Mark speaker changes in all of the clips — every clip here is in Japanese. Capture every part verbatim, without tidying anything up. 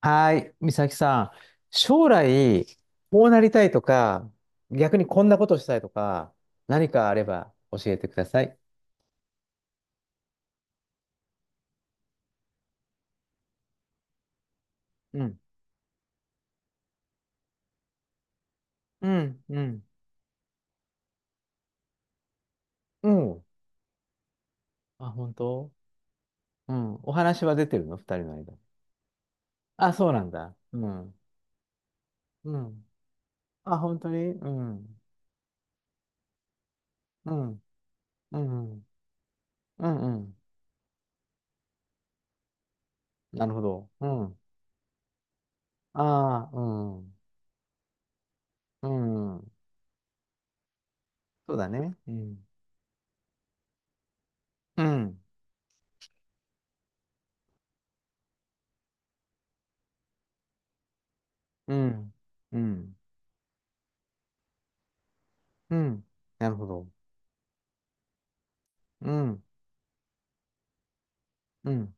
Speaker 1: はい、美咲さん。将来、こうなりたいとか、逆にこんなことしたいとか、何かあれば教えてください。うん。うん、うん、うん。あ、本当、うん。お話は出てるの二人の間。あ、そうなんだ。うん。うん。あ、本当に、うん。うん。うん。うん。うん、なるほど。うん。ああ、うん。うん。そうだね。うん。うん。うん。うん。うん。なるほど。うん。うん、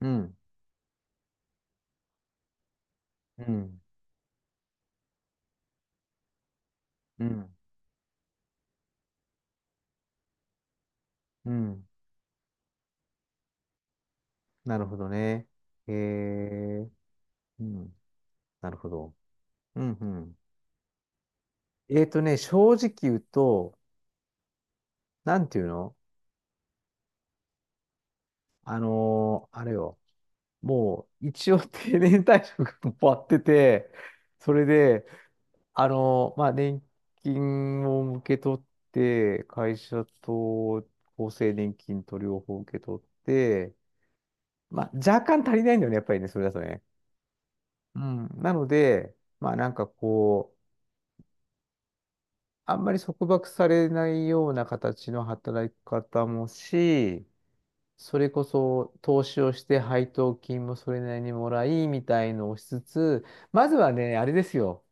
Speaker 1: うん、うん、うん、うん。なるほどね。えー、うん、なるほど。うん、うん。えーとね、正直言うと、なんていうのあのーあれよ。もう、一応定年退職も終わってて、それで、あのーまあ、年金を受け取って、会社と厚生年金と両方受け取って、まあ、若干足りないんだよね、やっぱりね、それだとね。うん、なので、まあなんかこう、あんまり束縛されないような形の働き方もし、それこそ投資をして配当金もそれなりにもらい、みたいのをしつつ、まずはね、あれですよ。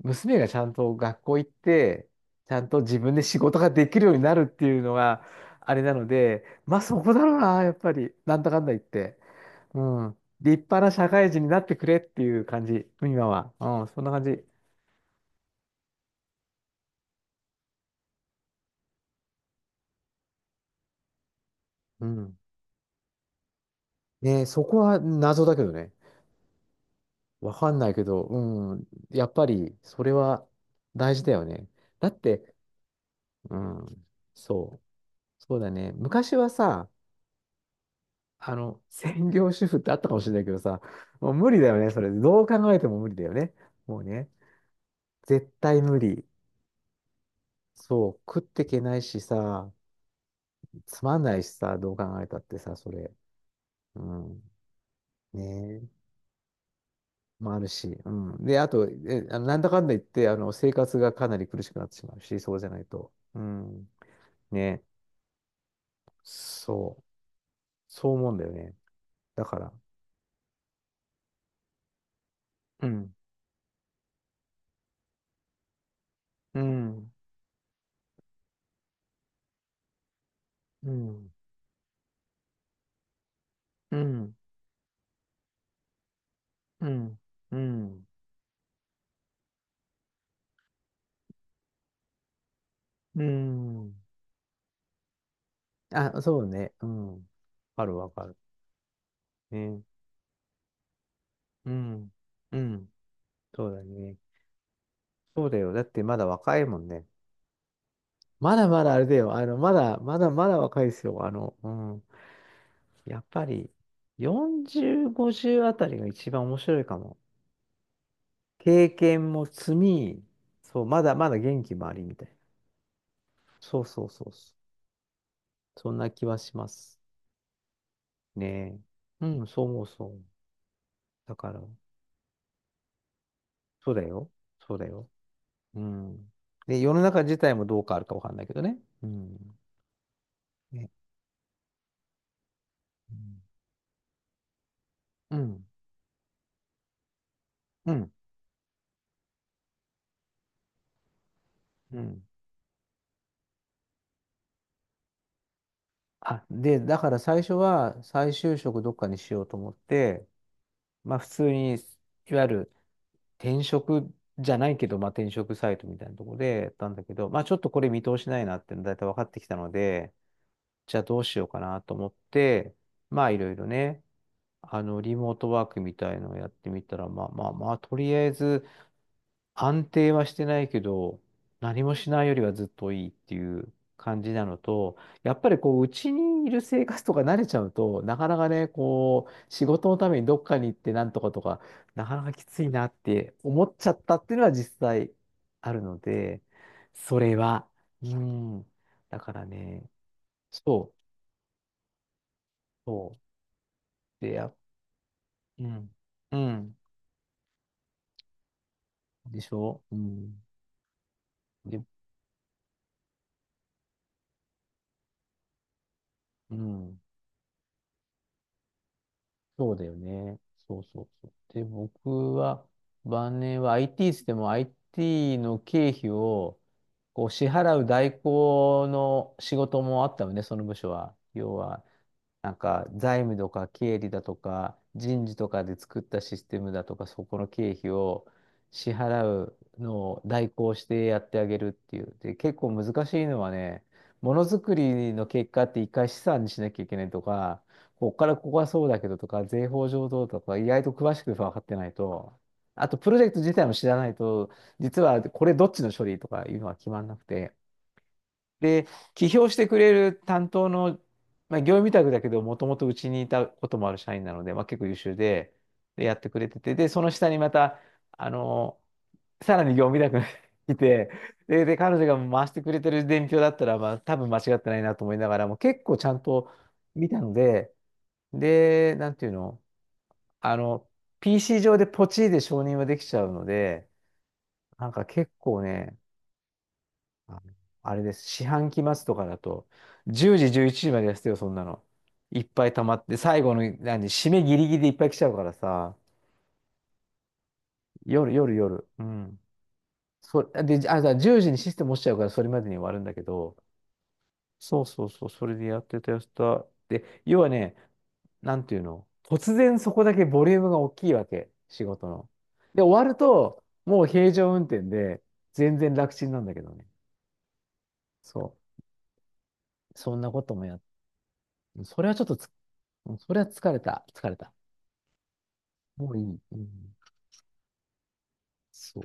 Speaker 1: 娘がちゃんと学校行って、ちゃんと自分で仕事ができるようになるっていうのが、あれなので、まあそこだろうな、やっぱり。なんだかんだ言って。うん。立派な社会人になってくれっていう感じ、今は。うん、そんな感じ。うん。ねえ、そこは謎だけどね。わかんないけど、うん。やっぱり、それは大事だよね。だって、うん。そう。そうだね。昔はさ、あの、専業主婦ってあったかもしれないけどさ、もう無理だよね。それ、どう考えても無理だよね。もうね、絶対無理。そう、食ってけないしさ、つまんないしさ、どう考えたってさ、それ。うん。ねもあるし、うん。で、あと、え、あのなんだかんだ言って、あの、生活がかなり苦しくなってしまうし、そうじゃないと。うん。ね。そう。そう思うんだよね。だから。うん。うん。うん。うん。うん。うん。うん。あ、そうね。うん。わかるわかる。ね。うん。うん。そうだね。そうだよ。だってまだ若いもんね。まだまだあれだよ。あの、まだ、まだまだ若いですよ。あの、うん。やっぱりよんじゅう、ごじゅうあたりが一番面白いかも。経験も積み、そう、まだまだ元気もありみたいな。そうそうそうそう。そんな気はしますねえ。うん、そう思うそう思う。だから、そうだよ。そうだよ。うん。で、世の中自体もどう変わるかわかんないけどね。うん。ね。うん。うん。うん。あ、で、だから最初は再就職どっかにしようと思って、まあ普通に、いわゆる転職じゃないけど、まあ、転職サイトみたいなところでやったんだけど、まあ、ちょっとこれ見通しないなっていうのだいたい分かってきたので、じゃあどうしようかなと思って、まあ、いろいろね、あの、リモートワークみたいのをやってみたら、まあまあまあ、とりあえず、安定はしてないけど、何もしないよりはずっといいっていう感じなのと、やっぱりこう、うちにいる生活とか慣れちゃうと、なかなかね、こう、仕事のためにどっかに行ってなんとかとか、なかなかきついなって思っちゃったっていうのは実際あるので、それは、うん。だからね、そう、そう。で、や、うん、うん。でしょうん。で、うん。そうだよね。そうそうそう。で、僕は、晩年は アイティー っつっても アイティー の経費をこう支払う代行の仕事もあったのね、その部署は。要は、なんか財務とか経理だとか人事とかで作ったシステムだとかそこの経費を支払うのを代行してやってあげるっていう。で、結構難しいのはね、ものづくりの結果って一回資産にしなきゃいけないとか、こっからここはそうだけどとか、税法上どうとか、意外と詳しく分かってないと、あとプロジェクト自体も知らないと、実はこれどっちの処理とかいうのは決まんなくて、で、起業してくれる担当の、まあ、業務委託だけど、もともとうちにいたこともある社員なので、まあ、結構優秀で、で、やってくれてて、で、その下にまた、あの、さらに業務委託がいて、で、で、彼女が回してくれてる伝票だったら、まあ、多分間違ってないなと思いながらも、結構ちゃんと見たので、で、なんていうの、あの、ピーシー 上でポチで承認はできちゃうので、なんか結構ね、あのあれです。四半期末とかだと、じゅうじ、じゅういちじまでやってたよ、そんなの。いっぱい溜まって、最後の、何、締めギリギリでいっぱい来ちゃうからさ、夜、夜、夜。うん。そ、で、あ、だじゅうじにシステム落ちちゃうから、それまでに終わるんだけど、そうそうそう、それでやってた、やってた。で、要はね、なんていうの、突然そこだけボリュームが大きいわけ、仕事の。で、終わると、もう平常運転で、全然楽ちんなんだけどね。そう。そんなこともやっそれはちょっとうんそれは疲れた。疲れた。もういい。うん、そう。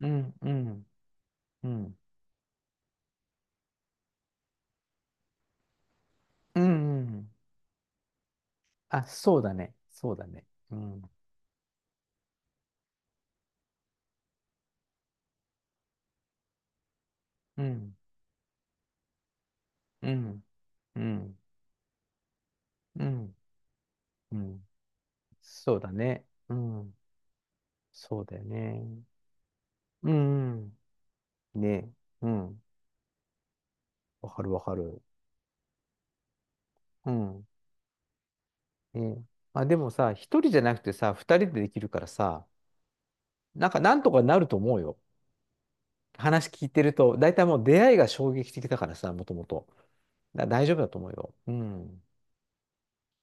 Speaker 1: うん、うん、うん、うん、うん。あ、そうだね。そうだね。うん。うん、うん、うん、うん、うん、そうだね。うん、そうだよね。うん、うんね。うん、わかるわかる。うん。ね。まあでもさ、一人じゃなくてさ、二人でできるからさ、なんかなんとかなると思うよ。話聞いてると、だいたいもう出会いが衝撃的だからさ、もともと。だ大丈夫だと思うよ。うん。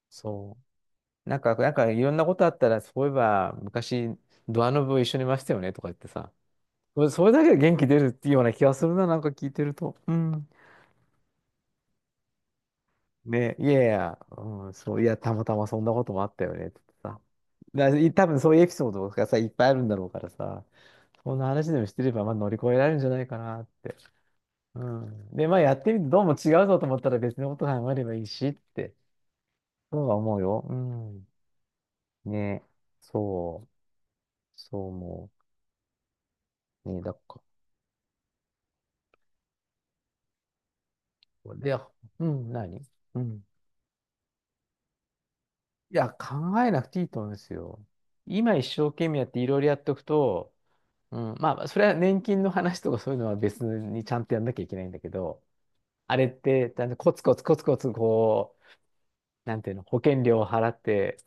Speaker 1: そう。なんか、なんかいろんなことあったら、そういえば昔、ドアノブを一緒にいましたよねとか言ってさ。それ、それだけで元気出るっていうような気がするな、なんか聞いてると。うん。ね、いやいや、うん、そう、いや、たまたまそんなこともあったよねってさ。だ、多分そういうエピソードがさ、いっぱいあるんだろうからさ、そんな話でもしてれば、まあ乗り越えられるんじゃないかなって。うん。で、まあやってみてどうも違うぞと思ったら別のこと考えればいいしって、そうは思うよ。うん。ね、そう、そう思う。ね、だから、で、うん、何うん。いや、考えなくていいと思うんですよ。今一生懸命やっていろいろやっておくと、うん、まあ、それは年金の話とかそういうのは別にちゃんとやんなきゃいけないんだけど、あれって、だんだんコツコツコツコツこう、なんていうの、保険料を払って、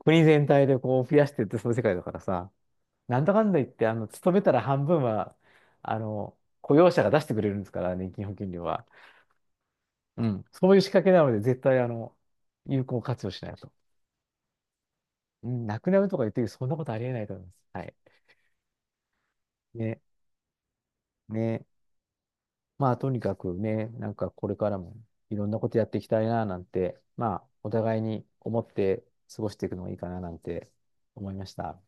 Speaker 1: 国全体でこう増やしてってその世界だからさ、なんだかんだ言って、あの、勤めたら半分は、あの、雇用者が出してくれるんですから、年金保険料は。うん。そういう仕掛けなので、絶対、あの、有効活用しないと。うん、なくなるとか言ってるけどそんなことありえないと思います。はい。ね、ね。まあ、とにかくね、なんかこれからもいろんなことやっていきたいな、なんて、まあ、お互いに思って過ごしていくのがいいかな、なんて思いました。